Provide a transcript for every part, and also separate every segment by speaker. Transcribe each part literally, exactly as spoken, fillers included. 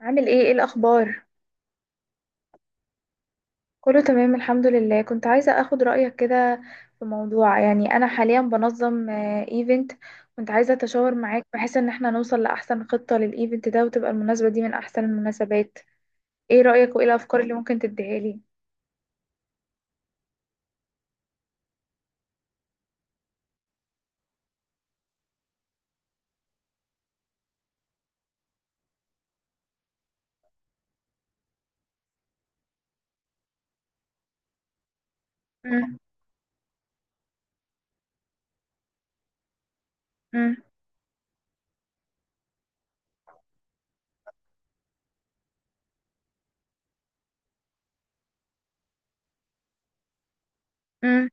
Speaker 1: عامل ايه ايه الاخبار؟ كله تمام، الحمد لله. كنت عايزه اخد رايك كده في موضوع. يعني انا حاليا بنظم ايفنت. كنت عايزه اتشاور معاك بحيث ان احنا نوصل لاحسن خطه للايفنت ده، وتبقى المناسبه دي من احسن المناسبات. ايه رايك وايه الافكار اللي ممكن تديها لي؟ مم، مم، مم.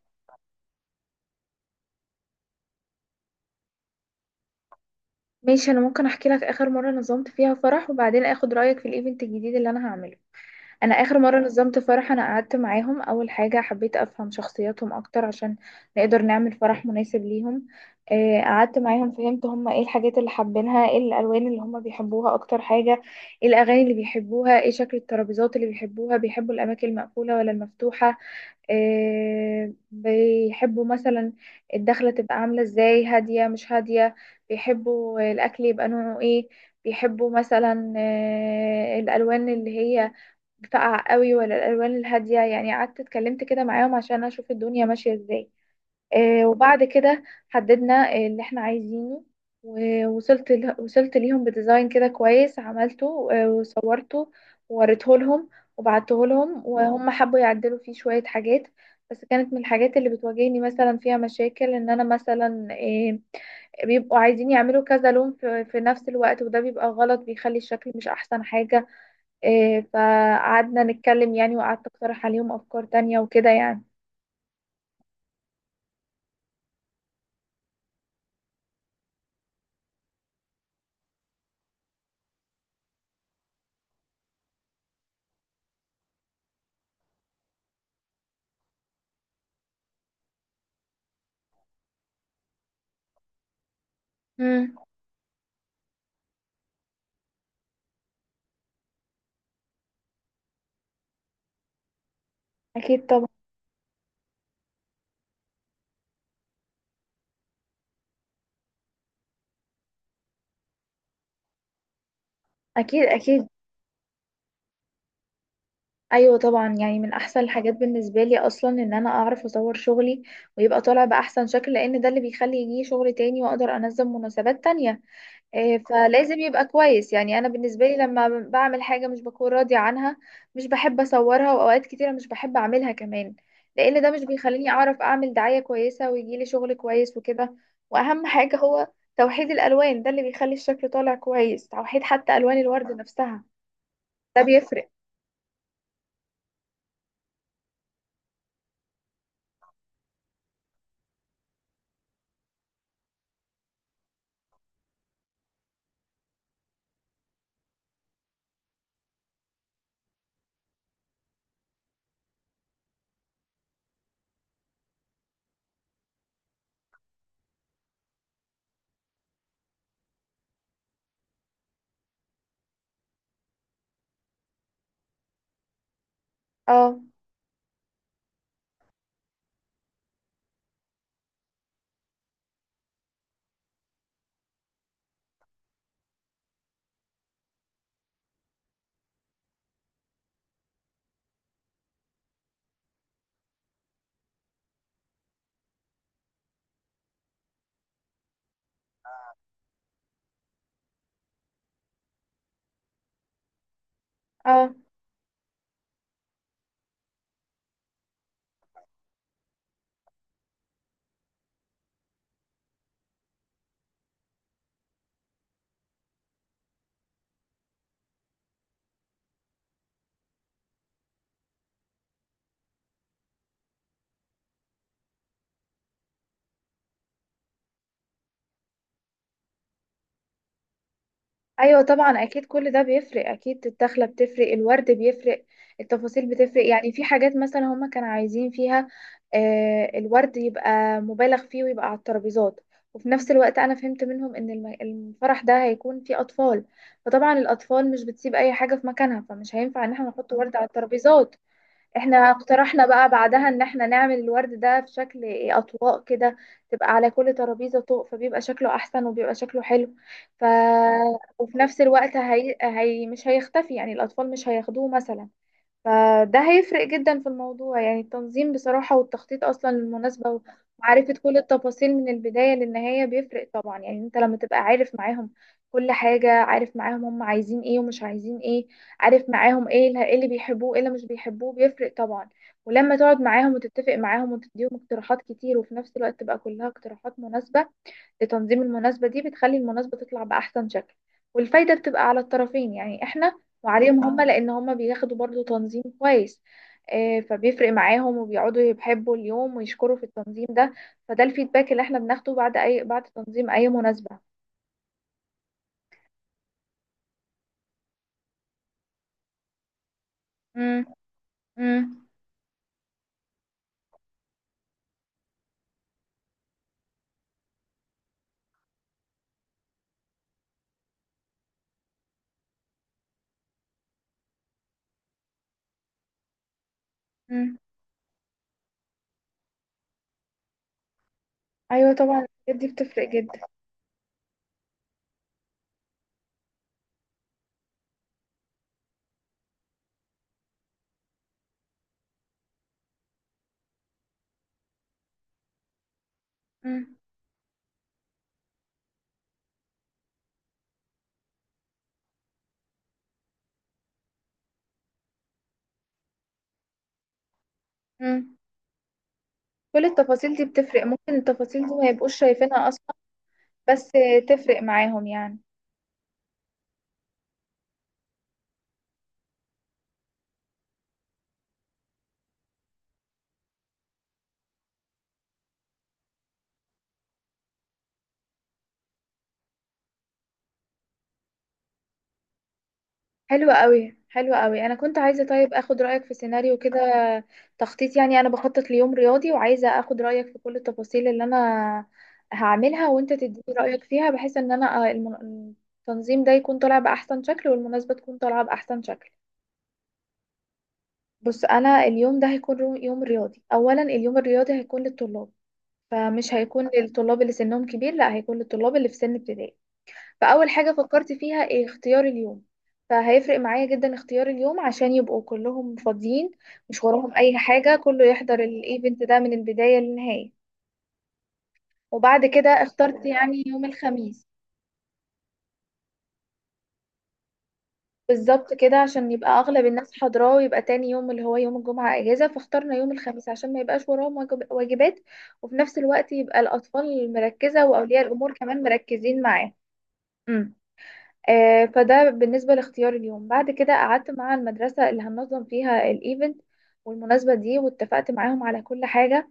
Speaker 1: ماشي، انا ممكن احكي لك اخر مره نظمت فيها فرح، وبعدين اخد رايك في الايفنت الجديد اللي انا هعمله. انا اخر مره نظمت فرح، انا قعدت معاهم. اول حاجه حبيت افهم شخصياتهم اكتر عشان نقدر نعمل فرح مناسب ليهم. آه، قعدت معاهم، فهمت هم ايه الحاجات اللي حابينها، ايه الالوان اللي هم بيحبوها اكتر حاجه، ايه الاغاني اللي بيحبوها، ايه شكل الترابيزات اللي بيحبوها، بيحبوا الاماكن المقفوله ولا المفتوحه. آه، بيحبوا مثلا الدخله تبقى عامله ازاي، هاديه مش هاديه، بيحبوا الاكل يبقى نوعه ايه، بيحبوا مثلا آه، الالوان اللي هي فقع قوي ولا الالوان الهاديه. يعني قعدت اتكلمت كده معاهم عشان اشوف الدنيا ماشيه ازاي. آه، وبعد كده حددنا اللي احنا عايزينه، ووصلت ل- وصلت ليهم بديزاين كده كويس عملته آه، وصورته ووريته لهم وبعته لهم، وهم حبوا يعدلوا فيه شويه حاجات. بس كانت من الحاجات اللي بتواجهني مثلا فيها مشاكل ان انا مثلا آه، بيبقوا عايزين يعملوا كذا لون في في نفس الوقت، وده بيبقى غلط، بيخلي الشكل مش احسن حاجه. إيه، فقعدنا نتكلم يعني، وقعدت اقترح عليهم افكار تانية وكده يعني. امم اكيد طبعا. اكيد اكيد. ايوه طبعا، يعني من احسن الحاجات بالنسبه لي اصلا ان انا اعرف اصور شغلي ويبقى طالع باحسن شكل، لان ده اللي بيخلي يجي شغل تاني واقدر انظم مناسبات تانية. إيه، فلازم يبقى كويس. يعني انا بالنسبه لي لما بعمل حاجه مش بكون راضيه عنها، مش بحب اصورها، واوقات كتيره مش بحب اعملها كمان، لان ده مش بيخليني اعرف اعمل دعايه كويسه ويجيلي شغل كويس وكده. واهم حاجه هو توحيد الالوان، ده اللي بيخلي الشكل طالع كويس، توحيد حتى الوان الورد نفسها، ده بيفرق. اه، اه. ايوه طبعا، اكيد كل ده بيفرق. اكيد الدخله بتفرق، الورد بيفرق، التفاصيل بتفرق. يعني في حاجات مثلا هما كانوا عايزين فيها آه الورد يبقى مبالغ فيه ويبقى على الترابيزات، وفي نفس الوقت انا فهمت منهم ان الم- الفرح ده هيكون فيه اطفال، فطبعا الاطفال مش بتسيب اي حاجه في مكانها، فمش هينفع ان احنا نحط ورد على الترابيزات. احنا اقترحنا بقى بعدها ان احنا نعمل الورد ده في شكل اطواق كده، تبقى على كل ترابيزة طوق، فبيبقى شكله احسن وبيبقى شكله حلو. ف وفي نفس الوقت هي... هي... مش هيختفي، يعني الاطفال مش هياخدوه مثلا، فده هيفرق جدا في الموضوع. يعني التنظيم بصراحة والتخطيط أصلا للمناسبة ومعرفة كل التفاصيل من البداية للنهاية بيفرق طبعا. يعني انت لما تبقى عارف معاهم كل حاجة، عارف معاهم هم عايزين ايه ومش عايزين ايه، عارف معاهم ايه اللي إيه اللي بيحبوه، ايه اللي مش بيحبوه، بيفرق طبعا. ولما تقعد معاهم وتتفق معاهم وتديهم اقتراحات كتير، وفي نفس الوقت تبقى كلها اقتراحات مناسبة لتنظيم المناسبة دي، بتخلي المناسبة تطلع بأحسن شكل. والفايدة بتبقى على الطرفين، يعني احنا وعليهم هما، لأن هما بياخدوا برضو تنظيم كويس. آه، فبيفرق معاهم وبيقعدوا يحبوا اليوم ويشكروا في التنظيم ده. فده الفيدباك اللي احنا بناخده بعد أي بعد تنظيم أي مناسبة. مم. مم. مم. أيوة طبعا، الحاجات دي بتفرق جدا. مم. مم. كل التفاصيل دي بتفرق، ممكن التفاصيل دي ما يبقوش شايفينها أصلا، بس آه، تفرق معاهم يعني. حلوة قوي، حلوة قوي. انا كنت عايزة طيب اخد رأيك في سيناريو كده، تخطيط يعني. انا بخطط ليوم رياضي، وعايزة اخد رأيك في كل التفاصيل اللي انا هعملها، وانت تديني رأيك فيها، بحيث ان انا آه، الم- التنظيم ده يكون طالع بأحسن شكل، والمناسبة تكون طالعة بأحسن شكل. بص، انا اليوم ده هيكون رو- يوم رياضي. اولا اليوم الرياضي هيكون للطلاب، فمش هيكون للطلاب اللي سنهم كبير، لا، هيكون للطلاب اللي في سن ابتدائي. فأول حاجة فكرت فيها إيه؟ اختيار اليوم. فهيفرق معايا جدا اختيار اليوم، عشان يبقوا كلهم فاضيين، مش وراهم أي حاجة، كله يحضر الايفنت ده من البداية للنهاية. وبعد كده اخترت يعني يوم الخميس، بالظبط كده عشان يبقى أغلب الناس حاضراه، ويبقى تاني يوم اللي هو يوم الجمعة أجازة، فاخترنا يوم الخميس عشان ما يبقاش وراهم واجب- واجبات، وفي نفس الوقت يبقى الأطفال مركزة وأولياء الأمور كمان مركزين معاه. آه، فده بالنسبة لاختيار اليوم. بعد كده قعدت مع المدرسة اللي هننظم فيها الايفنت والمناسبة دي، واتفقت معاهم على كل حاجة،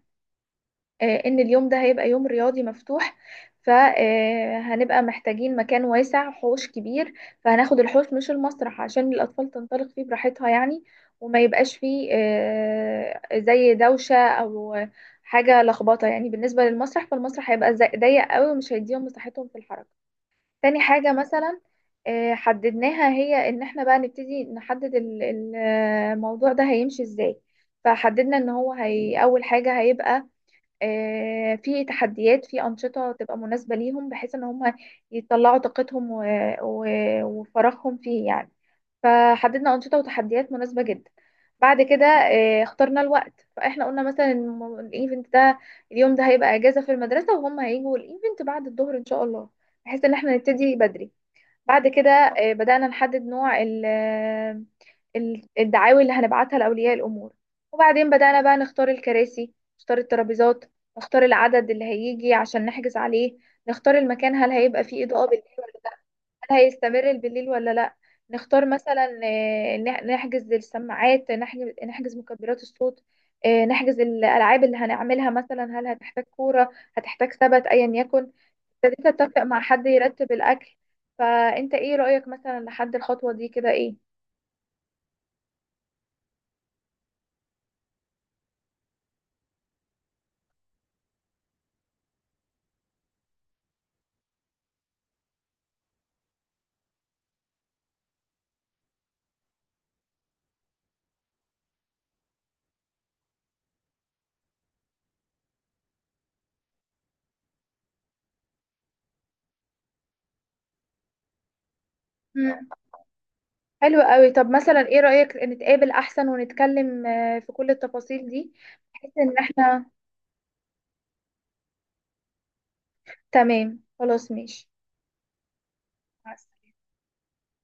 Speaker 1: آه، ان اليوم ده هيبقى يوم رياضي مفتوح. فهنبقى محتاجين مكان واسع، حوش كبير، فهناخد الحوش مش المسرح عشان الأطفال تنطلق فيه براحتها يعني، وما يبقاش فيه آه، زي دوشة أو حاجة لخبطة يعني. بالنسبة للمسرح، فالمسرح هيبقى زي- ضيق قوي ومش هيديهم مساحتهم في الحركة. تاني حاجة مثلا آه، حددناها، هي ان احنا بقى نبتدي نحدد ال- ال- الموضوع ده هيمشي ازاي. فحددنا ان هو هي اول حاجة هيبقى آه، في تحديات، في أنشطة تبقى مناسبة ليهم، بحيث ان هم يطلعوا طاقتهم و- و- وفراغهم فيه يعني. فحددنا أنشطة وتحديات مناسبة جدا. بعد كده آه، اخترنا الوقت. فاحنا قلنا مثلا الم- الايفنت ده، اليوم ده هيبقى اجازة في المدرسة، وهم هيجوا الايفنت بعد الظهر ان شاء الله، بحيث ان احنا نبتدي بدري. بعد كده آه، بدأنا نحدد نوع ال- آه، ال- الدعاوي اللي هنبعتها لأولياء الأمور. وبعدين بدأنا بقى نختار الكراسي، نختار الترابيزات، نختار العدد اللي هيجي عشان نحجز عليه، نختار المكان، هل هيبقى فيه إضاءة بالليل ولا، هل هيستمر بالليل ولا لا، نختار مثلا آه، نح- نحجز السماعات، نحجز نحجز مكبرات الصوت، آه، نحجز الألعاب اللي هنعملها، مثلا هل هتحتاج كورة، هتحتاج ثبت، أيا يكن. ابتديت اتفق مع حد يرتب الاكل. فانت ايه رأيك مثلا لحد الخطوة دي كده، ايه؟ مم. حلو قوي. طب مثلا ايه رأيك نتقابل احسن ونتكلم آه، في كل التفاصيل دي، بحيث ان احنا؟ تمام، خلاص ماشي. مع السلامة.